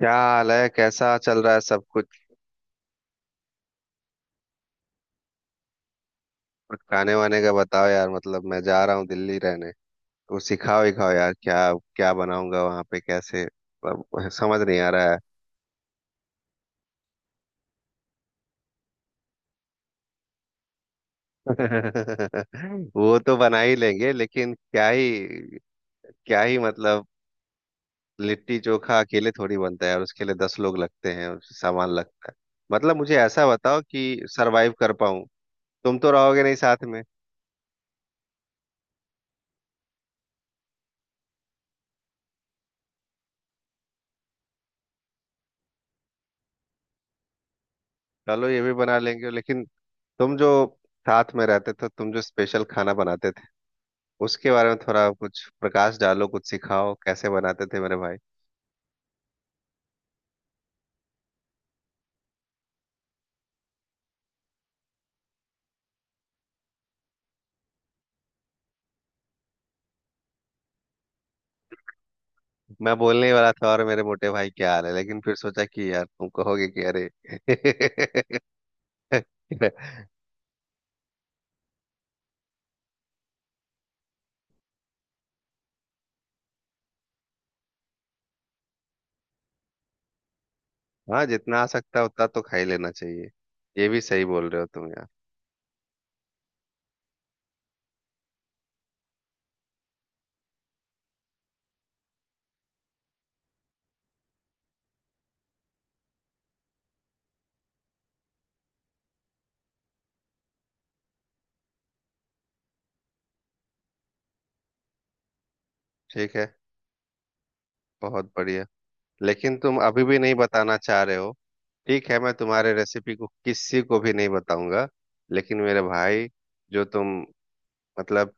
क्या हाल है, कैसा चल रहा है सब कुछ। कुछ खाने वाने का बताओ यार। मतलब मैं जा रहा हूँ दिल्ली रहने, तो सिखाओ ही। खाओ यार क्या, क्या बनाऊंगा वहां पे, कैसे अब समझ नहीं आ रहा है। वो तो बना ही लेंगे लेकिन क्या ही, क्या ही मतलब। लिट्टी चोखा अकेले थोड़ी बनता है, और उसके लिए 10 लोग लगते हैं और सामान लगता है। मतलब मुझे ऐसा बताओ कि सरवाइव कर पाऊँ। तुम तो रहोगे नहीं साथ में। चलो ये भी बना लेंगे लेकिन तुम जो साथ में रहते थे, तुम जो स्पेशल खाना बनाते थे उसके बारे में थोड़ा कुछ प्रकाश डालो, कुछ सिखाओ कैसे बनाते थे मेरे भाई। मैं बोलने ही वाला था और मेरे मोटे भाई क्या हाल है, लेकिन फिर सोचा कि यार तुम कहोगे कि अरे। हाँ, जितना आ सकता है उतना तो खा ही लेना चाहिए। ये भी सही बोल रहे हो तुम यार। ठीक है, बहुत बढ़िया। लेकिन तुम अभी भी नहीं बताना चाह रहे हो। ठीक है, मैं तुम्हारे रेसिपी को किसी को भी नहीं बताऊंगा। लेकिन मेरे भाई, जो तुम मतलब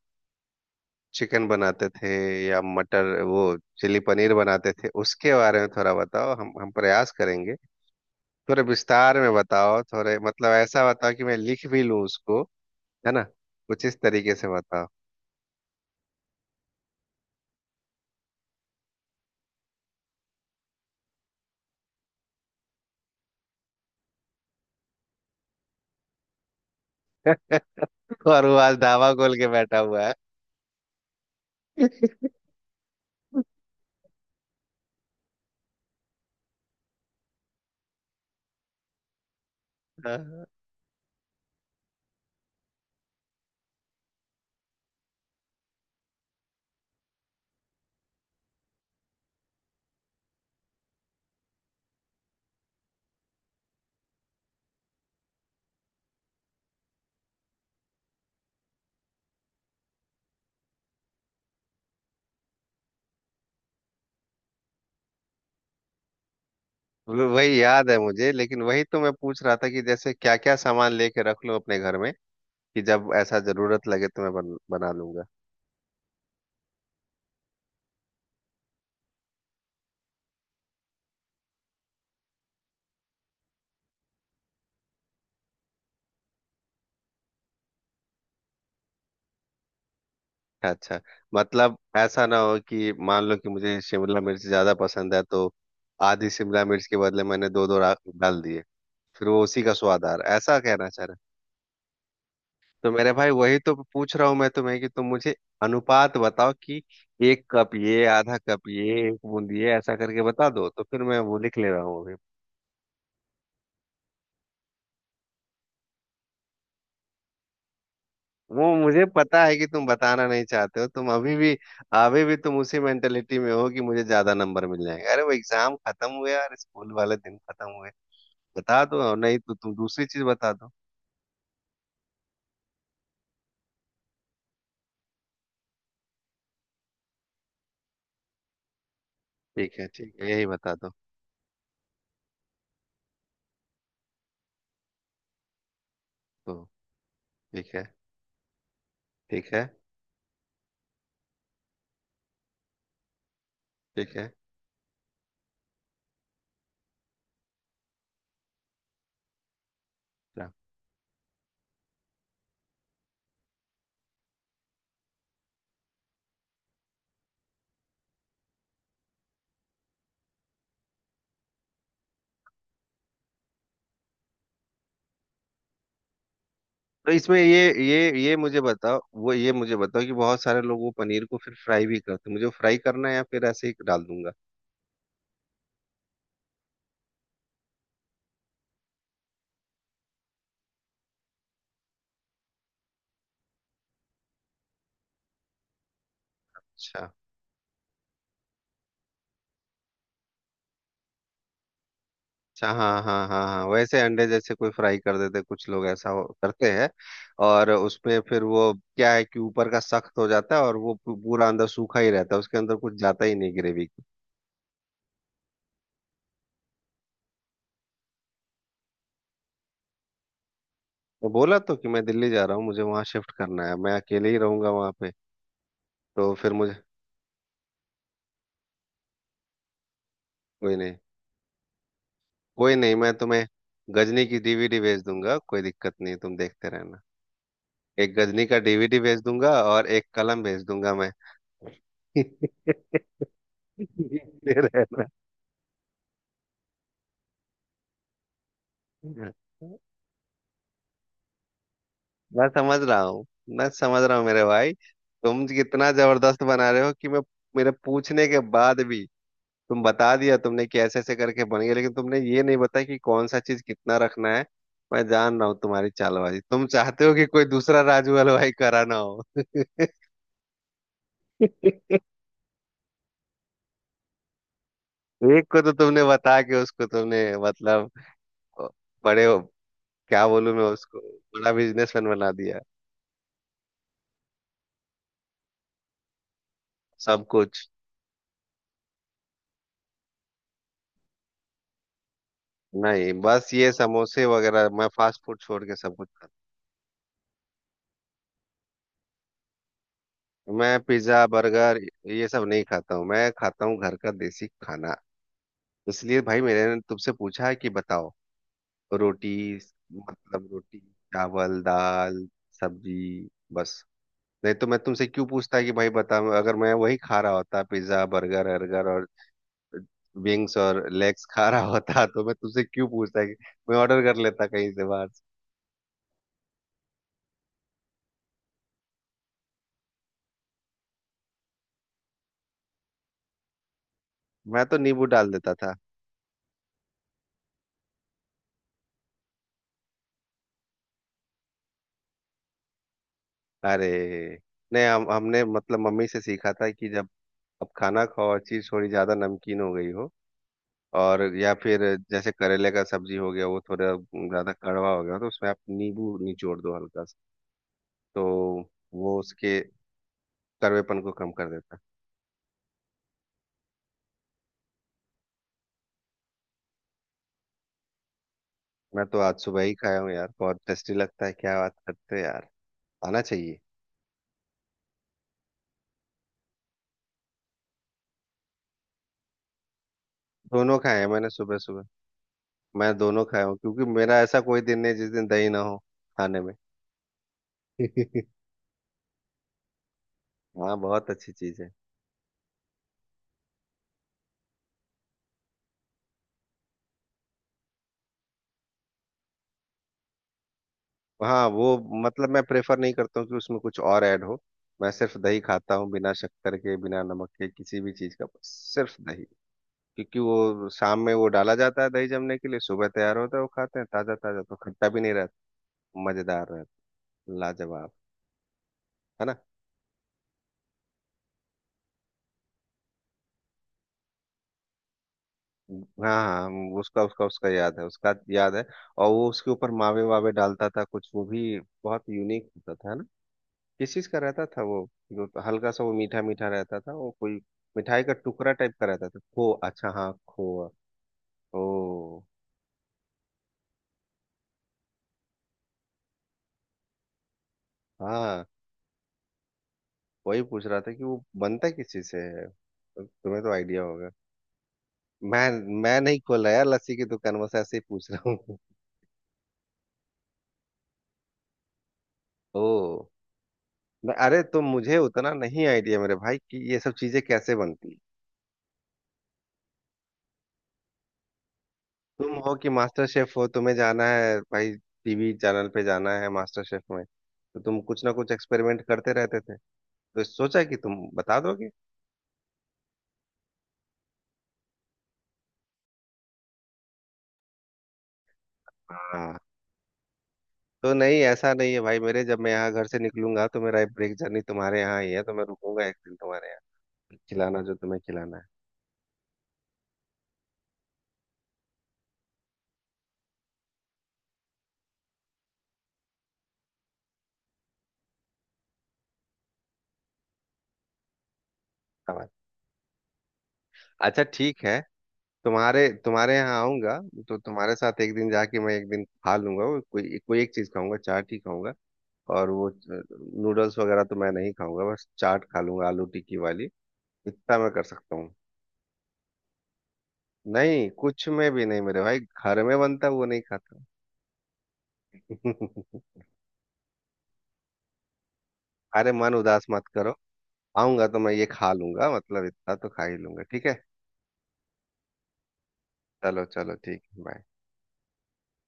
चिकन बनाते थे, या मटर वो चिली पनीर बनाते थे उसके बारे में थोड़ा बताओ। हम प्रयास करेंगे। थोड़े विस्तार में बताओ, थोड़े मतलब ऐसा बताओ कि मैं लिख भी लूं उसको, है ना। कुछ इस तरीके से बताओ। और वो आज धावा खोल के बैठा हुआ है। हाँ। वो- वही याद है मुझे, लेकिन वही तो मैं पूछ रहा था कि जैसे क्या क्या सामान लेके रख लूं अपने घर में, कि जब ऐसा जरूरत लगे तो मैं बना लूंगा। अच्छा, मतलब ऐसा ना हो कि मान लो कि मुझे शिमला मिर्च ज्यादा पसंद है, तो आधी शिमला मिर्च के बदले मैंने दो दो डाल दिए, फिर वो उसी का स्वाद आ रहा है, ऐसा कहना चाह रहे हो? तो मेरे भाई, वही तो पूछ रहा हूँ मैं तुम्हें, कि तुम मुझे अनुपात बताओ कि एक कप ये, आधा कप ये, एक बूंद ये, ऐसा करके बता दो तो फिर मैं वो लिख ले रहा हूँ अभी। वो मुझे पता है कि तुम बताना नहीं चाहते हो। तुम अभी भी, अभी भी तुम उसी मेंटेलिटी में हो कि मुझे ज्यादा नंबर मिल जाएंगे। अरे वो एग्जाम खत्म हुए और स्कूल वाले दिन खत्म हुए। बता दो, और नहीं तो तुम दूसरी चीज बता दो। ठीक है ठीक है, यही बता दो। तो ठीक है, ठीक है, ठीक है। क्या? तो इसमें ये, ये मुझे बताओ, वो ये मुझे बताओ कि बहुत सारे लोग वो पनीर को फिर फ्राई भी करते हैं, मुझे वो फ्राई करना है या फिर ऐसे ही डाल दूंगा। अच्छा, अच्छा। हाँ हाँ हाँ हाँ, वैसे अंडे जैसे कोई फ्राई कर देते, कुछ लोग ऐसा करते हैं। और उसमें फिर वो क्या है कि ऊपर का सख्त हो जाता है और वो पूरा अंदर सूखा ही रहता है, उसके अंदर कुछ जाता ही नहीं ग्रेवी। मैं बोला तो कि मैं दिल्ली जा रहा हूँ, मुझे वहां शिफ्ट करना है, मैं अकेले ही रहूंगा वहां पे। तो फिर मुझे कोई नहीं, कोई नहीं, मैं तुम्हें गजनी की डीवीडी भेज दूंगा, कोई दिक्कत नहीं, तुम देखते रहना। एक गजनी का डीवीडी भेज दूंगा और एक कलम भेज दूंगा मैं। देखते रहना, मैं समझ रहा हूँ, मैं समझ रहा हूँ मेरे भाई। तुम कितना जबरदस्त बना रहे हो कि मैं, मेरे पूछने के बाद भी तुम बता दिया तुमने कि ऐसे ऐसे करके बन गया, लेकिन तुमने ये नहीं बताया कि कौन सा चीज कितना रखना है। मैं जान रहा हूँ तुम्हारी चालबाजी, तुम चाहते हो कि कोई दूसरा राजू हलवाई करा ना हो। एक को तो तुमने बता के उसको तुमने मतलब, बड़े हो, क्या बोलूं मैं उसको, बड़ा बिजनेसमैन बना दिया। सब कुछ। नहीं बस ये समोसे वगैरह, मैं फास्ट फूड छोड़ के सब कुछ खाता हूँ। मैं पिज्जा बर्गर ये सब नहीं खाता हूँ। मैं खाता हूँ घर का देसी खाना। इसलिए भाई मैंने तुमसे पूछा है कि बताओ। रोटी, मतलब रोटी, चावल, दाल, सब्जी, बस। नहीं तो मैं तुमसे क्यों पूछता कि भाई बता। अगर मैं वही खा रहा होता पिज्जा बर्गर अर्गर और विंग्स और लेग्स खा रहा होता, तो मैं तुमसे क्यों पूछता कि, मैं ऑर्डर कर लेता कहीं से बाहर से। मैं तो नींबू डाल देता था। अरे नहीं, हम हमने मतलब मम्मी से सीखा था कि जब अब खाना खाओ और चीज़ थोड़ी ज़्यादा नमकीन हो गई हो, और या फिर जैसे करेले का सब्जी हो गया वो थोड़ा ज़्यादा कड़वा हो गया, तो उसमें आप नींबू निचोड़ दो हल्का सा, तो वो उसके कड़वेपन को कम कर देता है। मैं तो आज सुबह ही खाया हूँ यार, बहुत टेस्टी लगता है, क्या बात करते हो यार। आना चाहिए। दोनों खाए हैं मैंने, सुबह सुबह मैं दोनों खाया हूँ, क्योंकि मेरा ऐसा कोई दिन नहीं जिस दिन दही ना हो खाने में। हाँ बहुत अच्छी चीज है। हाँ वो, मतलब मैं प्रेफर नहीं करता हूँ कि उसमें कुछ और ऐड हो। मैं सिर्फ दही खाता हूँ बिना शक्कर के, बिना नमक के, किसी भी चीज का सिर्फ दही। क्योंकि वो शाम में वो डाला जाता है दही जमने के लिए, सुबह तैयार होता है, वो खाते हैं ताजा ताजा, तो खट्टा भी नहीं, मजेदार रहता, लाजवाब, है ना। हाँ हाँ, वो उसका उसका उसका याद है, उसका याद है। और वो उसके ऊपर मावे वावे डालता था कुछ, वो भी बहुत यूनिक होता था, है ना। किस चीज का रहता था वो, जो हल्का सा वो मीठा मीठा रहता था, वो कोई मिठाई का टुकड़ा टाइप का रहता था। खो, अच्छा हाँ, खोआ। ओ हाँ, वही पूछ रहा था कि वो बनता किस चीज से है, तो तुम्हें तो आइडिया होगा। मैं मैं नहीं खोला यार लस्सी की दुकान, बस ऐसे ही पूछ रहा हूँ। ओ, अरे तो मुझे उतना नहीं आइडिया मेरे भाई कि ये सब चीजें कैसे बनती हैं। तुम हो कि मास्टर शेफ हो, तुम्हें जाना है भाई, टीवी चैनल पे जाना है मास्टर शेफ में। तो तुम कुछ ना कुछ एक्सपेरिमेंट करते रहते थे, तो सोचा कि तुम बता दोगे। हाँ, तो नहीं ऐसा नहीं है भाई मेरे, जब मैं यहाँ घर से निकलूंगा तो मेरा ब्रेक जर्नी तुम्हारे यहाँ ही है, तो मैं रुकूंगा एक दिन तुम्हारे यहाँ। खिलाना जो तुम्हें खिलाना है। सामान। अच्छा ठीक है, तुम्हारे तुम्हारे यहाँ आऊंगा तो तुम्हारे साथ एक दिन जाके मैं एक दिन खा लूंगा, वो कोई कोई एक चीज खाऊंगा, चाट ही खाऊंगा। और वो नूडल्स वगैरह तो मैं नहीं खाऊंगा, बस चाट खा लूंगा आलू टिक्की वाली, इतना मैं कर सकता हूँ। नहीं, कुछ में भी नहीं मेरे भाई, घर में बनता है, वो नहीं खाता। अरे मन उदास मत करो। आऊंगा तो मैं ये खा लूंगा, मतलब इतना तो खा ही लूंगा, ठीक है। चलो चलो, ठीक, बाय।